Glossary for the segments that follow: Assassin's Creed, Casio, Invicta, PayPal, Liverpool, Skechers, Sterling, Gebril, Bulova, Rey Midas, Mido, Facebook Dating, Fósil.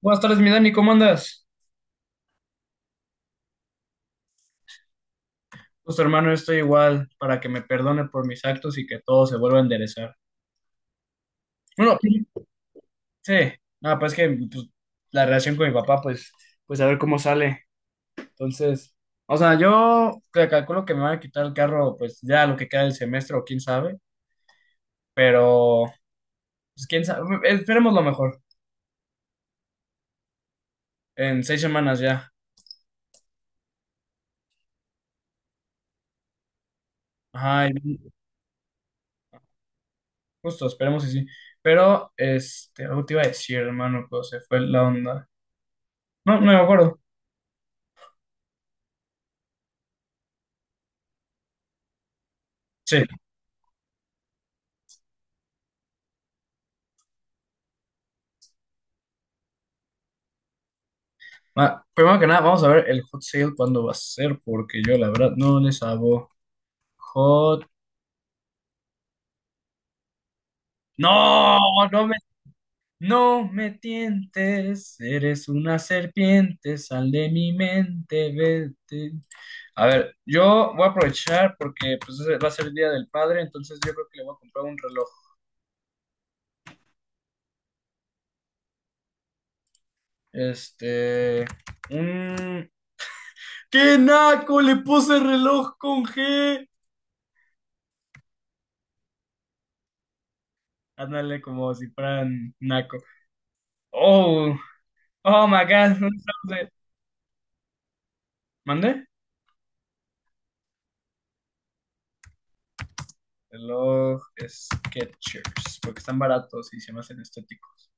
Buenas tardes, mi Dani, ¿cómo andas? Pues hermano, yo estoy igual para que me perdone por mis actos y que todo se vuelva a enderezar. Bueno, sí, nada, pues que pues, la relación con mi papá, pues, pues a ver cómo sale. Entonces, o sea, yo que calculo que me van a quitar el carro, pues ya lo que queda del semestre o quién sabe, pero pues quién sabe, esperemos lo mejor, en seis semanas ya. Ajá, y justo, esperemos que sí. Pero, este, algo te iba a decir, hermano, pero se fue la onda. No, no me acuerdo. Sí. Ah, primero que nada, vamos a ver el hot sale cuándo va a ser, porque yo la verdad no le sabo. Hot. No, no me tientes, eres una serpiente, sal de mi mente, vete. A ver, yo voy a aprovechar porque pues, ese va a ser el Día del Padre, entonces yo creo que le voy a comprar un reloj. Este, un... ¡Qué naco! Le puse reloj con G. Ándale como si fueran naco. Oh, oh my God. ¿Mande? Reloj Skechers, porque están baratos y se me hacen estéticos.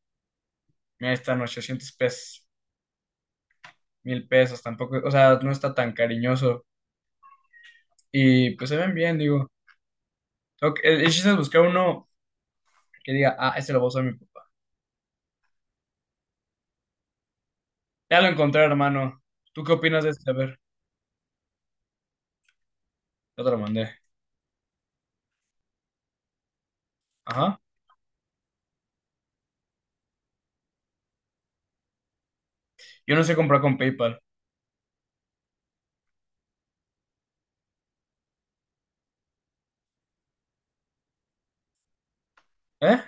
Mira, están 800 pesos, 1000 pesos, tampoco, o sea, no está tan cariñoso. Y pues se ven bien, digo. Tengo que- el chiste es buscar uno que diga, ah, este lo voy a usar mi papá. Ya lo encontré, hermano. ¿Tú qué opinas de este? A ver, ya te lo mandé. Ajá. Yo no sé comprar con PayPal. ¿Eh?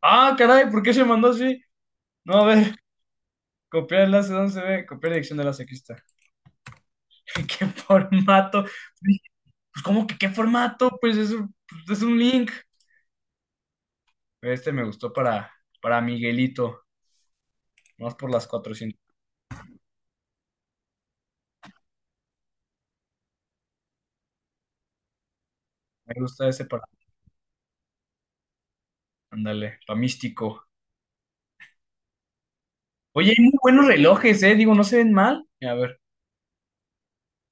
Ah, caray, ¿por qué se mandó así? No, a ver, copiar enlace, ¿dónde se ve? Copiar dirección de enlace, aquí está. ¿Qué formato? Pues como que qué formato, pues es un link. Este me gustó para Miguelito, más por las 400. Me gusta ese para, ándale, para Místico. Oye, hay muy buenos relojes, ¿eh? Digo, no se ven mal. A ver,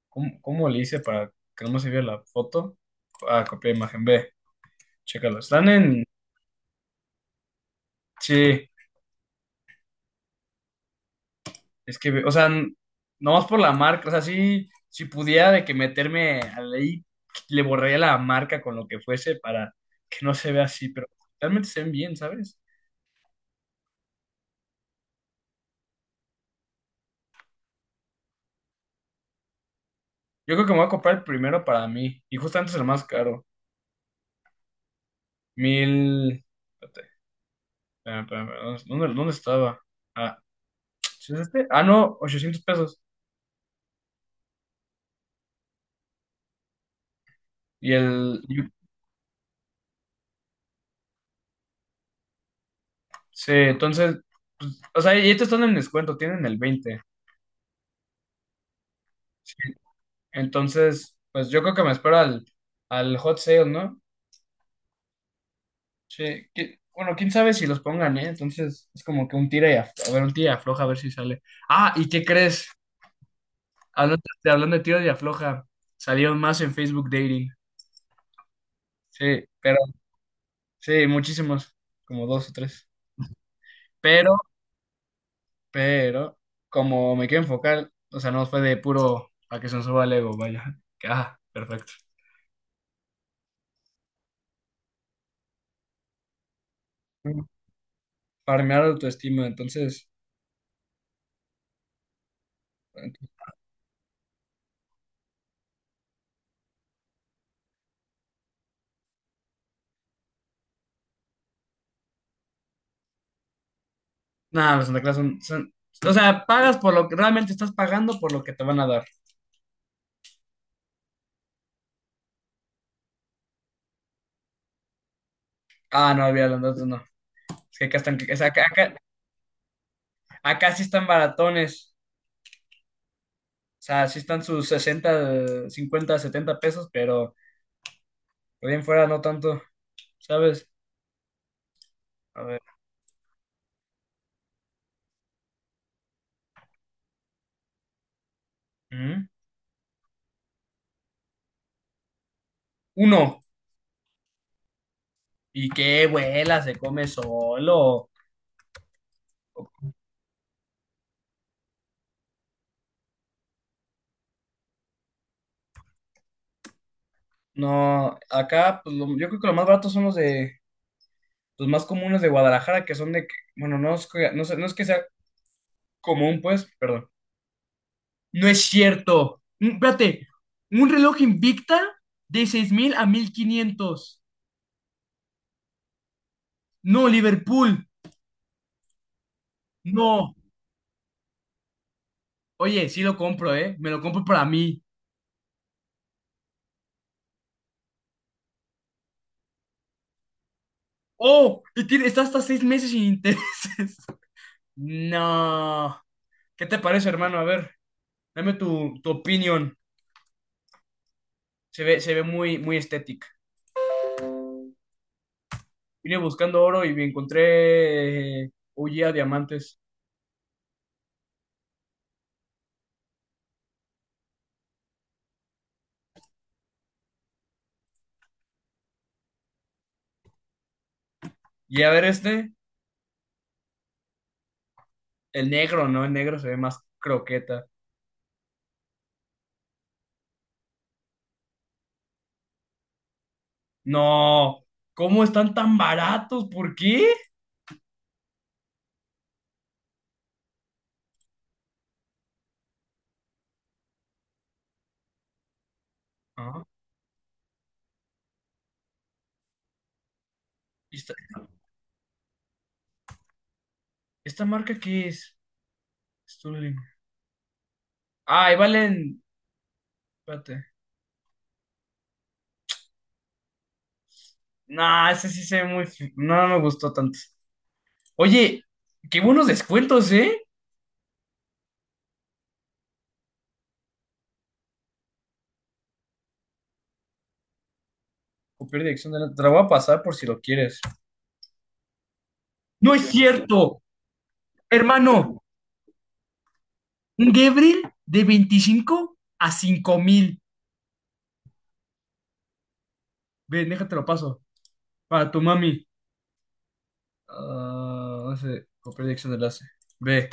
¿cómo le hice para que no se vea la foto? Ah, copié imagen, ve, chécalo. Están en, sí, es que, ve- o sea, n- nomás por la marca, o sea, sí, si pudiera de que meterme ahí, le borraría la marca con lo que fuese para que no se vea así, pero realmente se ven bien, ¿sabes? Yo creo que me voy a comprar el primero para mí. Y justamente es el más caro. Mil. Espérate, espérame, espérame, dónde estaba? Ah, ¿sí es este? Ah, no, 800 pesos. Y el. y- Sí, entonces, pues, o sea, y estos están en descuento, tienen el veinte. Sí. Entonces, pues yo creo que me espero al hot sale, ¿no? Sí. Bueno, quién sabe si los pongan, ¿eh? Entonces es como que un tira y afloja. A ver, un tira y afloja, a ver si sale. Ah, ¿y qué crees? Hablando de tira y afloja, salieron más en Facebook Dating. Sí, pero sí, muchísimos, como dos o tres. Pero, pero, como me quiero enfocar, o sea, no fue de puro para que se nos suba el ego, vaya. Que, ah, perfecto. Ujú. Para mirar autoestima, entonces, nada, los Santa Claus son, o sea, pagas por lo que realmente estás pagando por lo que te van a dar. Ah, no, había entonces no. Es que acá están, o sea, acá sí están baratones. O sea, sí están sus 60, 50, 70 pesos, pero por ahí en fuera no tanto, ¿sabes? A ver. Ujú. Uno, y qué vuela, se come solo. No, acá, pues yo creo que lo más barato son los de los más comunes de Guadalajara, que son de, bueno, no es, no es que sea común, pues, perdón. No es cierto. Espérate, un reloj Invicta de 6.000 a mil quinientos. No, Liverpool, no. Oye, sí lo compro, ¿eh? Me lo compro para mí. Oh, y tiene, está hasta seis meses sin intereses. No. ¿Qué te parece, hermano? A ver. Dame tu opinión. Se ve muy, muy estética. Vine buscando oro y me encontré huye a diamantes. Y a ver este, el negro, ¿no? El negro se ve más croqueta. No, ¿cómo están tan baratos? ¿Por qué? Ah, ¿y ¿esta marca qué es? Sterling. Ah, y valen. Espérate. Nah, ese sí se ve muy, no, no me gustó tanto. Oye, qué buenos descuentos, ¿eh? Copiar dirección de la. Te la voy a pasar por si lo quieres. ¡No es cierto! Hermano, un Gebril de 25 a 5 mil. Ve, déjate lo paso. Para tu mami. Ah, no sé, copiar dirección de enlace. Ve,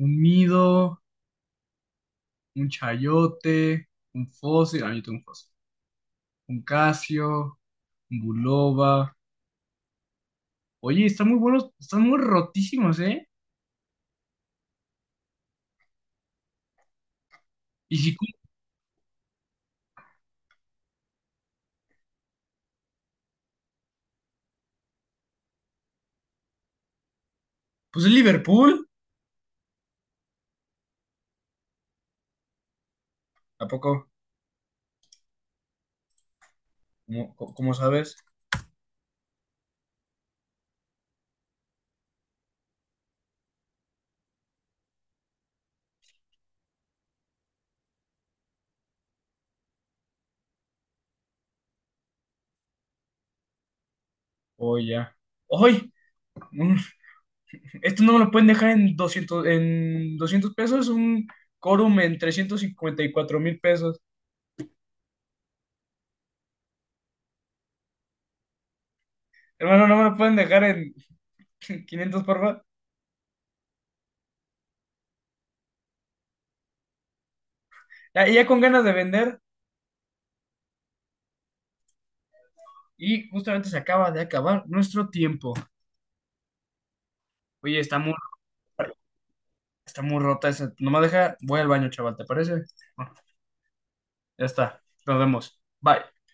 un Mido, un Chayote, un Fósil. Ah, yo tengo un Fósil. Un Casio, un Bulova. Oye, están muy buenos, están muy rotísimos, ¿eh? Y si, pues es Liverpool. ¿A poco? ¿Cómo sabes? Oye, ya. ¡Ay! No, no, no. Esto no me lo pueden dejar en 200, en $200, un quórum en 354 mil pesos. Hermano, no me lo pueden dejar en 500, por favor. Ya, ya con ganas de vender y justamente se acaba de acabar nuestro tiempo. Oye, rota- está muy rota esa. Nomás deja, voy al baño, chaval, ¿te parece? Bueno, ya está, nos vemos. Bye.